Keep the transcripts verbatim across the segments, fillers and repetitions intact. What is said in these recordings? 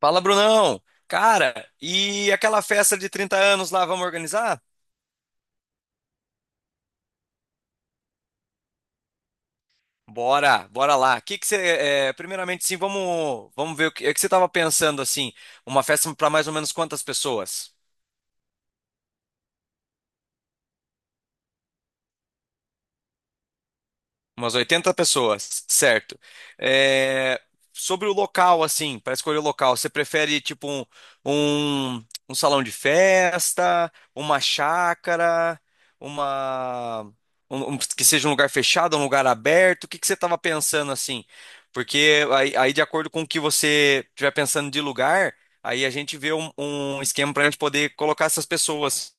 Fala, Brunão! Cara, e aquela festa de trinta anos lá, vamos organizar? Bora, bora lá. Que que você, é, primeiramente, sim, vamos, vamos ver o que, é que você estava pensando assim, uma festa para mais ou menos quantas pessoas? Umas oitenta pessoas, certo. É, sobre o local, assim, para escolher o local, você prefere tipo um, um, um salão de festa, uma chácara, uma um- um- que seja um lugar fechado, um lugar aberto? O que que você estava pensando assim? Porque aí, aí, de acordo com o que você estiver pensando de lugar, aí a gente vê um, um esquema para a gente poder colocar essas pessoas.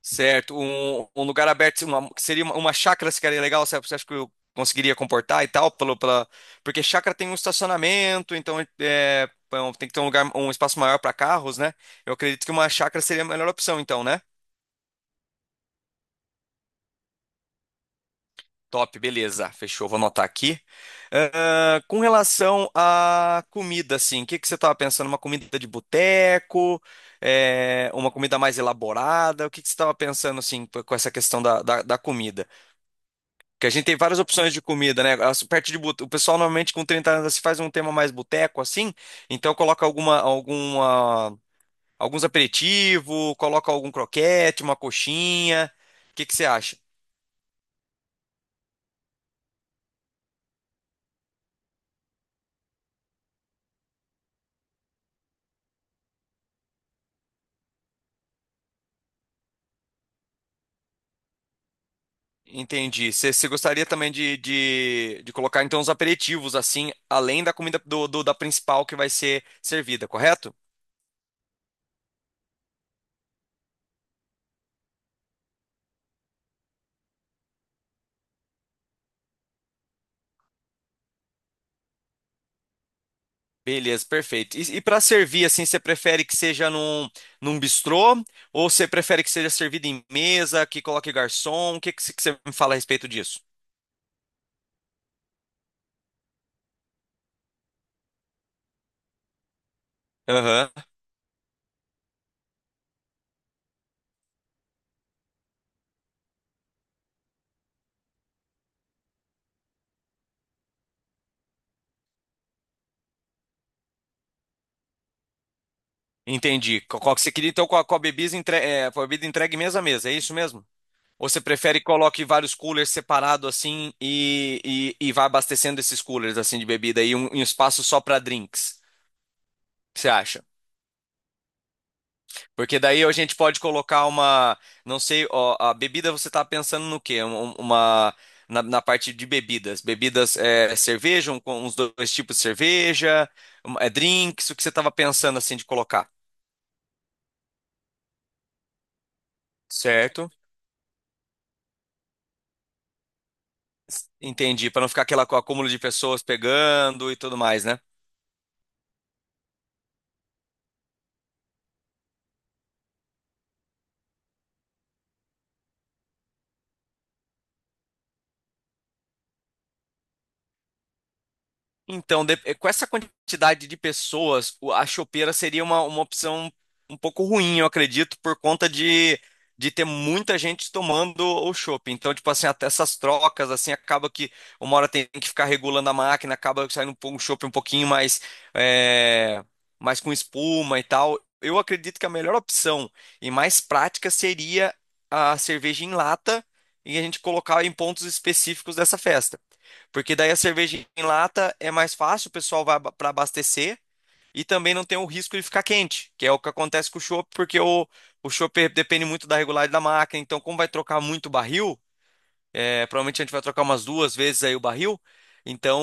Certo, um, um lugar aberto, uma- que seria uma, uma chácara seria legal, você você acha que eu conseguiria comportar e tal, pelo, pela, porque chácara tem um estacionamento, então é, bom, tem que ter um lugar, um espaço maior para carros, né? Eu acredito que uma chácara seria a melhor opção, então, né? Top, beleza, fechou, vou anotar aqui. Ah, com relação à comida, assim, o que que você estava pensando? Uma comida de boteco, é, uma comida mais elaborada? O que que você estava pensando, assim, com essa questão da, da da comida? Que a gente tem várias opções de comida, né? As parte de bute- O pessoal normalmente com trinta anos se faz um tema mais boteco assim, então coloca alguma, alguma, alguns aperitivos, coloca algum croquete, uma coxinha. O que que você acha? Entendi. Você você gostaria também de, de, de colocar então os aperitivos assim, além da comida do, do- da principal que vai ser servida, correto? Beleza, perfeito. E, e para servir, assim, você prefere que seja num, num bistrô ou você prefere que seja servido em mesa, que coloque garçom? O que, que, você que você me fala a respeito disso? Aham, entendi. Qual, qual que você queria, então, com a, com a bebida, entre, é, com a bebida entregue mesa a mesa, é isso mesmo? Ou você prefere que coloque vários coolers separados, assim, e, e, e vá abastecendo esses coolers, assim, de bebida e um, e um espaço só para drinks? O que você acha? Porque daí a gente pode colocar uma, não sei, ó, a bebida você tá pensando no quê? Um- um, Uma, na, na parte de bebidas. Bebidas, é, cerveja, um, com uns dois tipos de cerveja, um, é, drinks, o que você tava pensando assim de colocar, certo? Entendi, para não ficar aquela co- acúmulo de pessoas pegando e tudo mais, né? Então, de- eh, com essa quantidade de pessoas, o- a chopeira seria uma, uma opção um pouco ruim, eu acredito, por conta de, de ter muita gente tomando o chopp. Então, tipo assim, até essas trocas, assim, acaba que uma hora tem que ficar regulando a máquina, acaba saindo um pouco- um chopp um pouquinho mais, é, mais com espuma e tal. Eu acredito que a melhor opção e mais prática seria a cerveja em lata e a gente colocar em pontos específicos dessa festa. Porque daí a cerveja em lata é mais fácil, o pessoal vai para abastecer e também não tem o risco de ficar quente, que é o que acontece com o chopp, porque o, o chopp depende muito da regularidade da máquina. Então, como vai trocar muito barril, é, provavelmente a gente vai trocar umas duas vezes aí o barril. Então,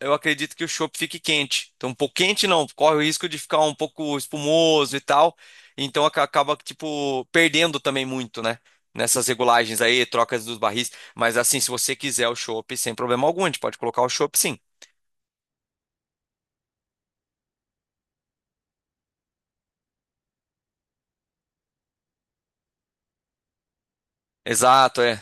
eu acredito que o chopp fique quente. Então, um pouco quente não, corre o risco de ficar um pouco espumoso e tal. Então, aca- acaba, tipo, perdendo também muito, né? Nessas regulagens aí, trocas dos barris. Mas, assim, se você quiser o chopp, sem problema algum, a gente pode colocar o chopp, sim. Exato, é.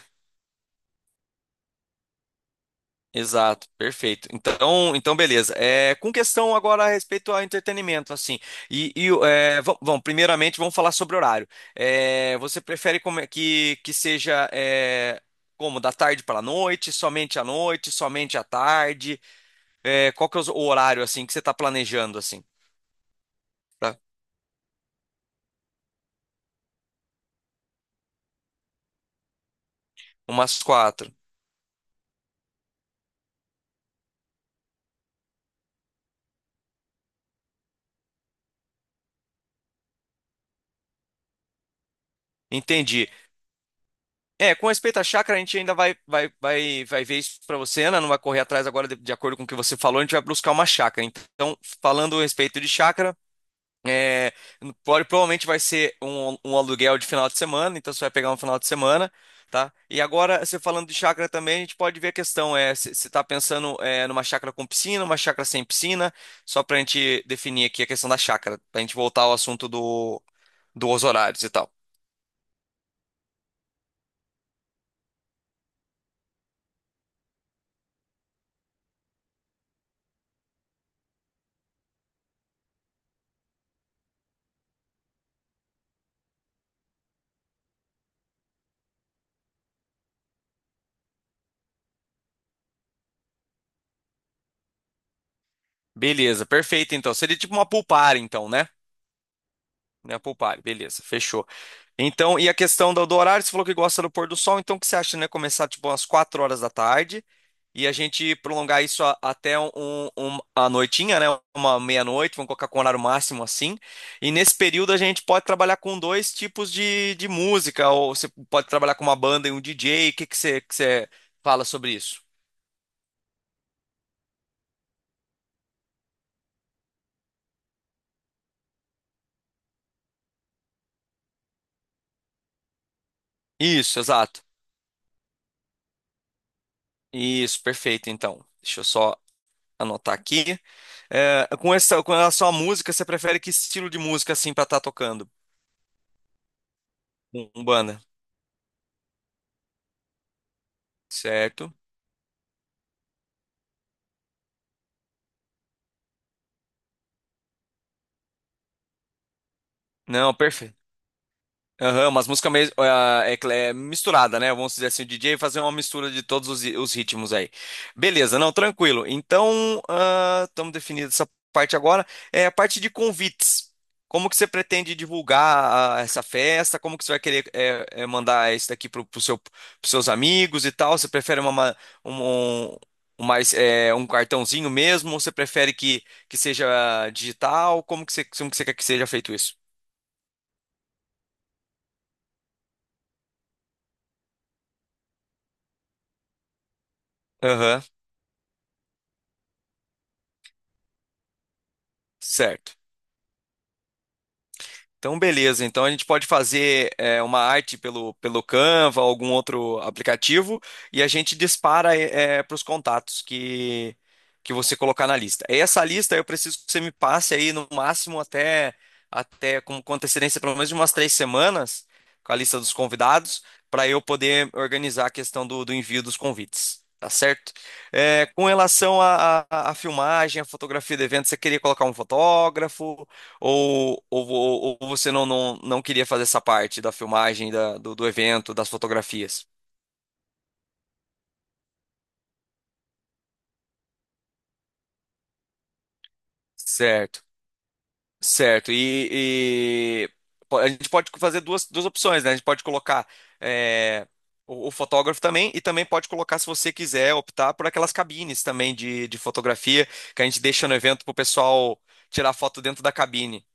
Exato, perfeito. Então, então beleza. É, com questão agora a respeito ao entretenimento, assim. E, e, é, vam- vamos, primeiramente, vamos falar sobre horário. É, você prefere como é que, que seja é, como da tarde para a noite, somente à noite, somente à tarde? É, qual que é o horário assim que você está planejando assim? Tá? Umas quatro. Entendi. É, com respeito à chácara, a gente ainda vai, vai, vai, vai ver isso para você, Ana. Não vai correr atrás agora, de, de acordo com o que você falou, a gente vai buscar uma chácara. Então, falando a respeito de chácara. É, pode- Provavelmente vai ser um, um aluguel de final de semana, então você vai pegar um final de semana, tá? E agora, você falando de chácara também, a gente pode ver a questão, é, se você está pensando é, numa chácara com piscina, uma chácara sem piscina, só para a gente definir aqui a questão da chácara, para a gente voltar ao assunto do, dos horários e tal. Beleza, perfeito então. Seria tipo uma pool party, então, né? Né, Poupar, beleza, fechou. Então, e a questão do, do horário, você falou que gosta do pôr do sol, então o que você acha, né? Começar tipo umas quatro horas da tarde e a gente prolongar isso a- até um, um- um, a noitinha, né? Uma meia-noite, vamos colocar com horário máximo assim. E nesse período a gente pode trabalhar com dois tipos de, de música, ou você pode trabalhar com uma banda e um D J. O que que você, que você fala sobre isso? Isso, exato. Isso, perfeito, então. Deixa eu só anotar aqui. É, com essa, com relação à música, você prefere que estilo de música assim pra estar tocando? Um, um banda, certo? Não, perfeito. Aham, umas músicas meio ah, é, cl- é misturada, né? Vamos dizer assim, o D J fazer uma mistura de todos os, os ritmos aí. Beleza, não, tranquilo. Então, estamos definindo essa parte agora. É a parte de convites. Como que você pretende divulgar ah, essa festa? Como que você vai querer eh, eh, mandar isso daqui para pro seu, pros seus amigos e tal? Você prefere uma, ma- um, um- um mais, eh, um cartãozinho mesmo? Ou você prefere que, que seja digital? Como que você, como que você quer que seja feito isso? Aham, certo. Então, beleza. Então, a gente pode fazer é, uma arte pelo, pelo Canva, algum outro aplicativo, e a gente dispara para os contatos que, que você colocar na lista. Essa lista eu preciso que você me passe aí no máximo até, até com, com antecedência, pelo menos de umas três semanas, com a lista dos convidados, para eu poder organizar a questão do, do envio dos convites. Tá certo? É, com relação à à- à filmagem, à fotografia do evento, você queria colocar um fotógrafo? Ou, ou, ou ou você não, não, não queria fazer essa parte da filmagem, da, do, do evento, das fotografias? Certo, certo. E, e po- a gente pode fazer duas, duas opções, né? A gente pode colocar é, o, o fotógrafo também, e também pode colocar, se você quiser, optar por aquelas cabines também de, de fotografia que a gente deixa no evento para o pessoal tirar foto dentro da cabine.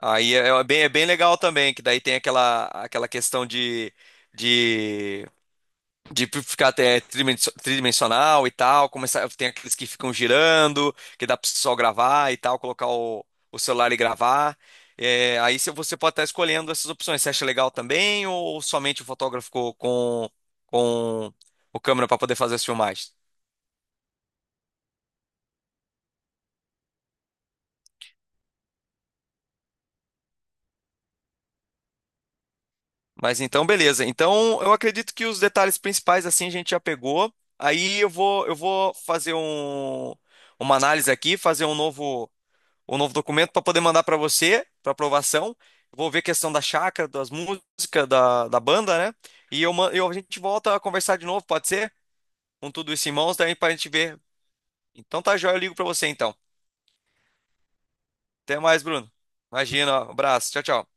Aí é é bem, é bem legal também, que daí tem aquela, aquela questão de. de De ficar até tridimenso- tridimensional e tal, começar, tem aqueles que ficam girando, que dá para só gravar e tal, colocar o, o celular e gravar. É, aí se- Você pode estar escolhendo essas opções. Você acha legal também ou somente o fotógrafo co- com, com o câmera para poder fazer as filmagens? Mas então, beleza. Então, eu acredito que os detalhes principais assim a gente já pegou. Aí eu vou, eu vou fazer um, uma análise aqui, fazer um novo o novo documento para poder mandar para você, para aprovação. Vou ver a questão da chácara, das músicas, da, da banda, né? E eu, man- eu, a gente volta a conversar de novo, pode ser? Com tudo isso em mãos, daí para a gente ver. Então tá joia, eu ligo para você então. Até mais, Bruno. Imagina, ó, abraço, tchau, tchau.